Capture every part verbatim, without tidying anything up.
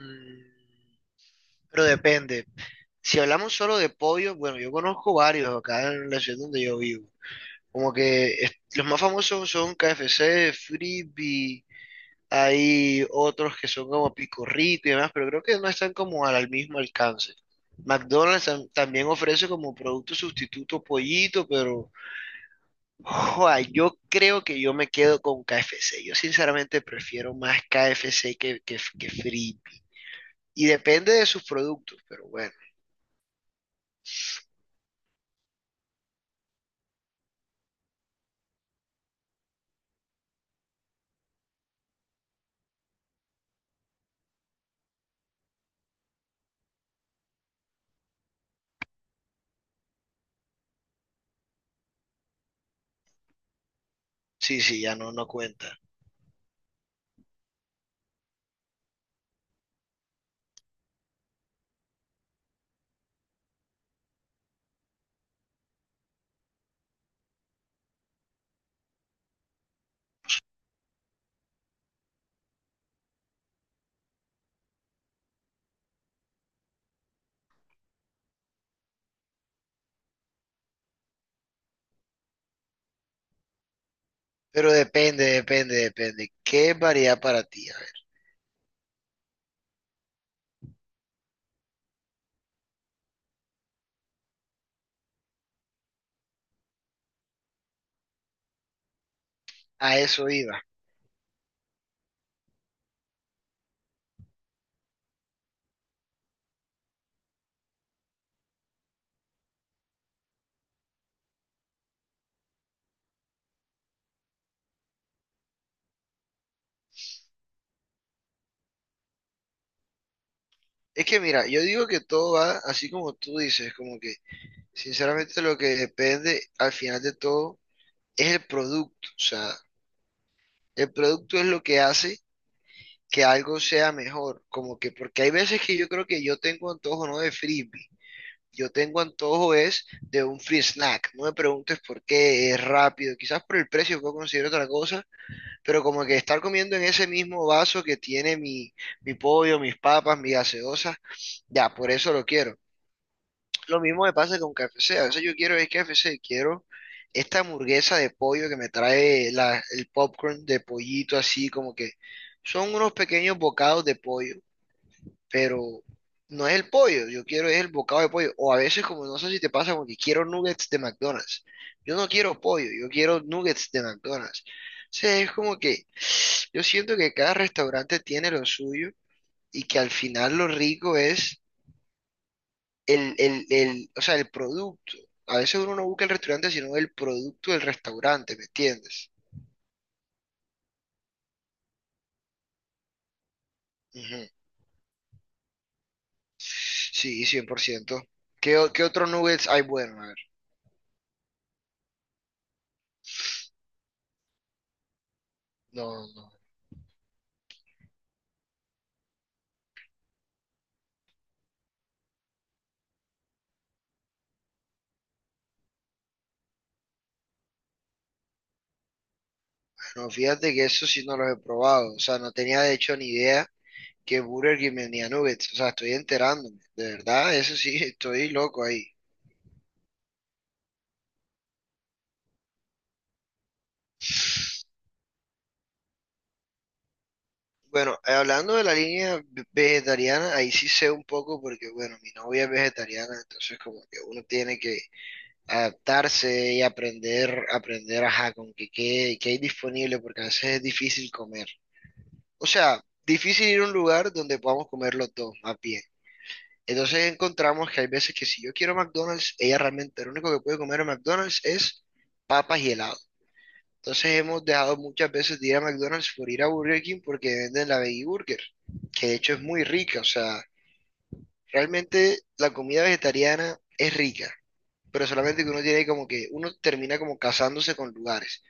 Mm, Pero depende. Si hablamos solo de pollo, bueno, yo conozco varios acá en la ciudad donde yo vivo. Como que es- los más famosos son K F C, Frisbee, hay otros que son como Pico Rico y demás, pero creo que no están como al, al mismo alcance. McDonald's tam- también ofrece como producto sustituto pollito, pero joa, yo creo que yo me quedo con K F C. Yo sinceramente prefiero más K F C que, que, que Frisbee. Y depende de sus productos, pero bueno. Sí, sí, ya no, no cuenta. Pero depende, depende, depende. ¿Qué es variedad para ti? A ver, a eso iba. Es que mira, yo digo que todo va así como tú dices, como que sinceramente lo que depende al final de todo es el producto. O sea, el producto es lo que hace que algo sea mejor. Como que, porque hay veces que yo creo que yo tengo antojo no de frisbee, yo tengo antojo es de un free snack. No me preguntes por qué es rápido, quizás por el precio puedo conseguir otra cosa, pero como que estar comiendo en ese mismo vaso que tiene mi, mi pollo, mis papas, mi gaseosa, ya, por eso lo quiero. Lo mismo me pasa con K F C, a veces yo quiero es K F C, quiero esta hamburguesa de pollo que me trae la- el popcorn de pollito así, como que son unos pequeños bocados de pollo, pero no es el pollo, yo quiero es el bocado de pollo. O a veces, como no sé si te pasa, porque quiero nuggets de McDonald's. Yo no quiero pollo, yo quiero nuggets de McDonald's. O sea, es como que yo siento que cada restaurante tiene lo suyo y que al final lo rico es el, el, el, o sea, el producto. A veces uno no busca el restaurante, sino el producto del restaurante, ¿me entiendes? Ujú. Sí, cien por ciento. ¿Qué, o- qué otros nuggets hay bueno? A ver. No, no. No, fíjate que eso sí no los he probado. O sea, no tenía de hecho ni idea que Burger King vendía nuggets. O sea, estoy enterándome. De verdad, eso sí, estoy loco ahí. Bueno, eh, hablando de la línea ve- vegetariana, ahí sí sé un poco porque, bueno, mi novia es vegetariana, entonces como que uno tiene que adaptarse y aprender, aprender, ajá, con que qué, qué hay disponible, porque a veces es difícil comer. O sea, difícil ir a un lugar donde podamos comer los dos, más bien. Entonces encontramos que hay veces que si yo quiero McDonald's, ella realmente lo único que puede comer en McDonald's es papas y helado. Entonces hemos dejado muchas veces de ir a McDonald's por ir a Burger King porque venden la Veggie Burger, que de hecho es muy rica. O sea, realmente la comida vegetariana es rica, pero solamente que uno tiene como que uno termina como casándose con lugares.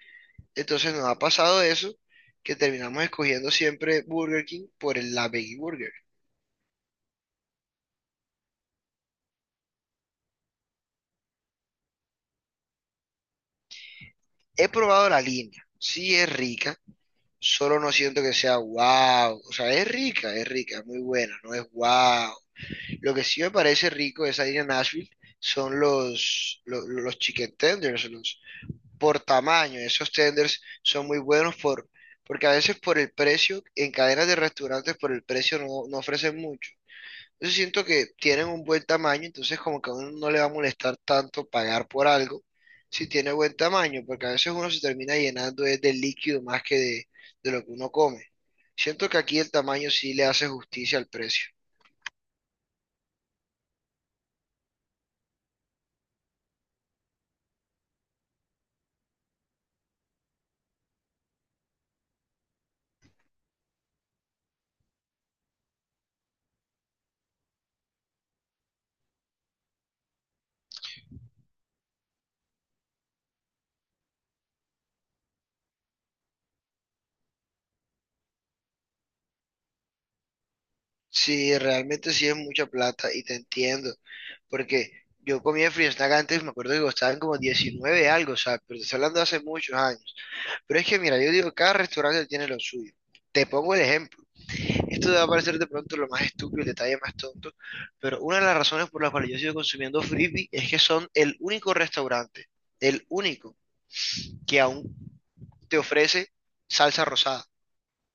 Entonces nos ha pasado eso, que terminamos escogiendo siempre Burger King por el- la Veggie Burger. He probado la línea, sí es rica, solo no siento que sea wow. O sea, es rica, es rica, muy buena, no es wow. Lo que sí me parece rico de esa línea Nashville son los, los, los chicken tenders, los por tamaño. Esos tenders son muy buenos por, porque a veces por el precio, en cadenas de restaurantes por el precio no, no ofrecen mucho. Yo siento que tienen un buen tamaño, entonces como que a uno no le va a molestar tanto pagar por algo si tiene buen tamaño, porque a veces uno se termina llenando es de líquido más que de, de lo que uno come. Siento que aquí el tamaño sí le hace justicia al precio. Sí, realmente sí es mucha plata y te entiendo, porque yo comía free snack antes, me acuerdo que costaban como diecinueve algo, o sea, pero te estoy hablando de hace muchos años. Pero es que mira, yo digo, cada restaurante tiene lo suyo. Te pongo el ejemplo. Esto te va a parecer de pronto lo más estúpido, el detalle más tonto, pero una de las razones por las cuales yo sigo consumiendo Frisby es que son el único restaurante, el único que aún te ofrece salsa rosada.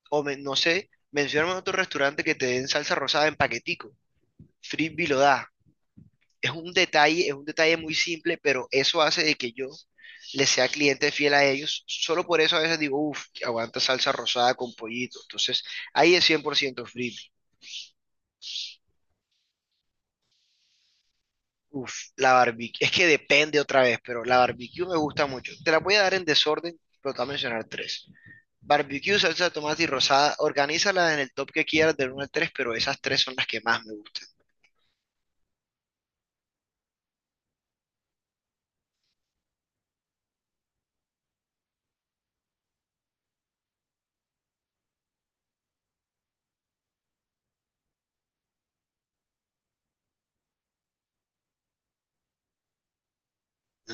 O me- no sé, mencióname otro restaurante que te den salsa rosada en paquetico. Frisby lo da. Es un detalle, es un detalle muy simple, pero eso hace de que yo le sea cliente fiel a ellos. Solo por eso a veces digo, uff, aguanta salsa rosada con pollito. Entonces, ahí es cien por ciento Frisby. Uf, la barbecue. Es que depende otra vez, pero la barbecue me gusta mucho. Te la voy a dar en desorden, pero te voy a mencionar tres. Barbecue, salsa de tomate y rosada. Organízala en el top que quieras del uno al tres, pero esas tres son las que más me gustan.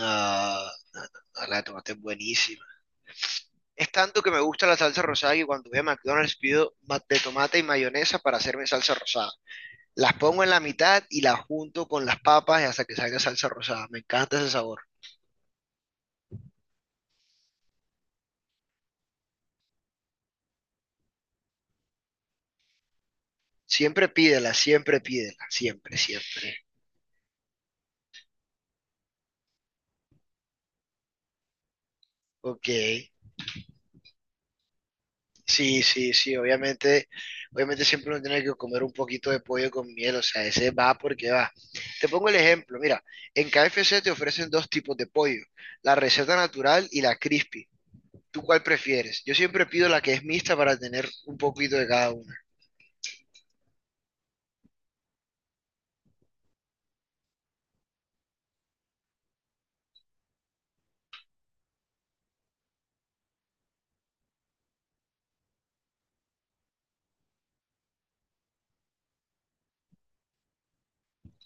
Ah, la de tomate es buenísima. Es tanto que me gusta la salsa rosada que cuando voy a McDonald's pido ma- de tomate y mayonesa para hacerme salsa rosada. Las pongo en la mitad y las junto con las papas hasta que salga salsa rosada. Me encanta ese sabor. Siempre pídela, siempre pídela, siempre, siempre. Ok. Sí, sí, sí, obviamente, obviamente siempre uno tiene que comer un poquito de pollo con miel, o sea, ese va porque va. Te pongo el ejemplo, mira, en K F C te ofrecen dos tipos de pollo, la receta natural y la crispy. ¿Tú cuál prefieres? Yo siempre pido la que es mixta para tener un poquito de cada una.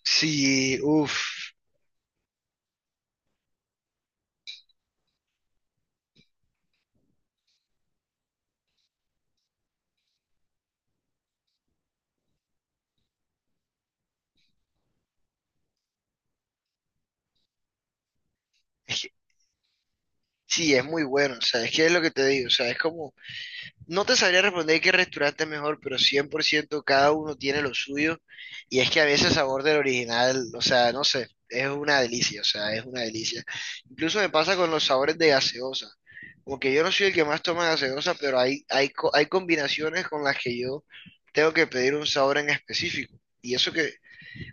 Sí, uff, sí, es muy bueno, o sea, es que es lo que te digo, o sea, es como no te sabría responder qué restaurante es mejor, pero cien por ciento cada uno tiene lo suyo. Y es que a veces el sabor del original, o sea, no sé, es una delicia, o sea, es una delicia. Incluso me pasa con los sabores de gaseosa. Como que yo no soy el que más toma gaseosa, pero hay, hay, co- hay combinaciones con las que yo tengo que pedir un sabor en específico. Y eso que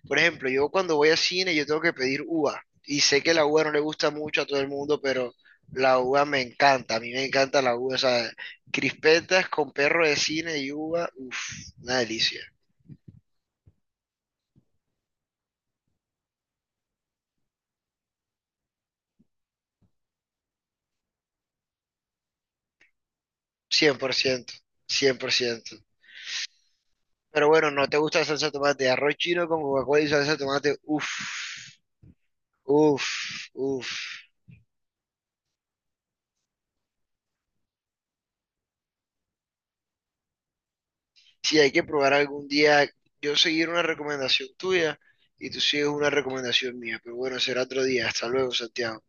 por ejemplo, yo cuando voy al cine yo tengo que pedir uva y sé que la uva no le gusta mucho a todo el mundo, pero la uva me encanta, a mí me encanta la uva, o sea, crispetas con perro de cine y uva, uff, una delicia, cien cien por ciento, cien por ciento. Pero bueno, ¿no te gusta la salsa de tomate? Arroz chino con Coca-Cola y salsa de tomate, uff, uff, uff. Si hay que probar algún día, yo seguir una recomendación tuya y tú sigues una recomendación mía, pero bueno, será otro día. Hasta luego, Santiago.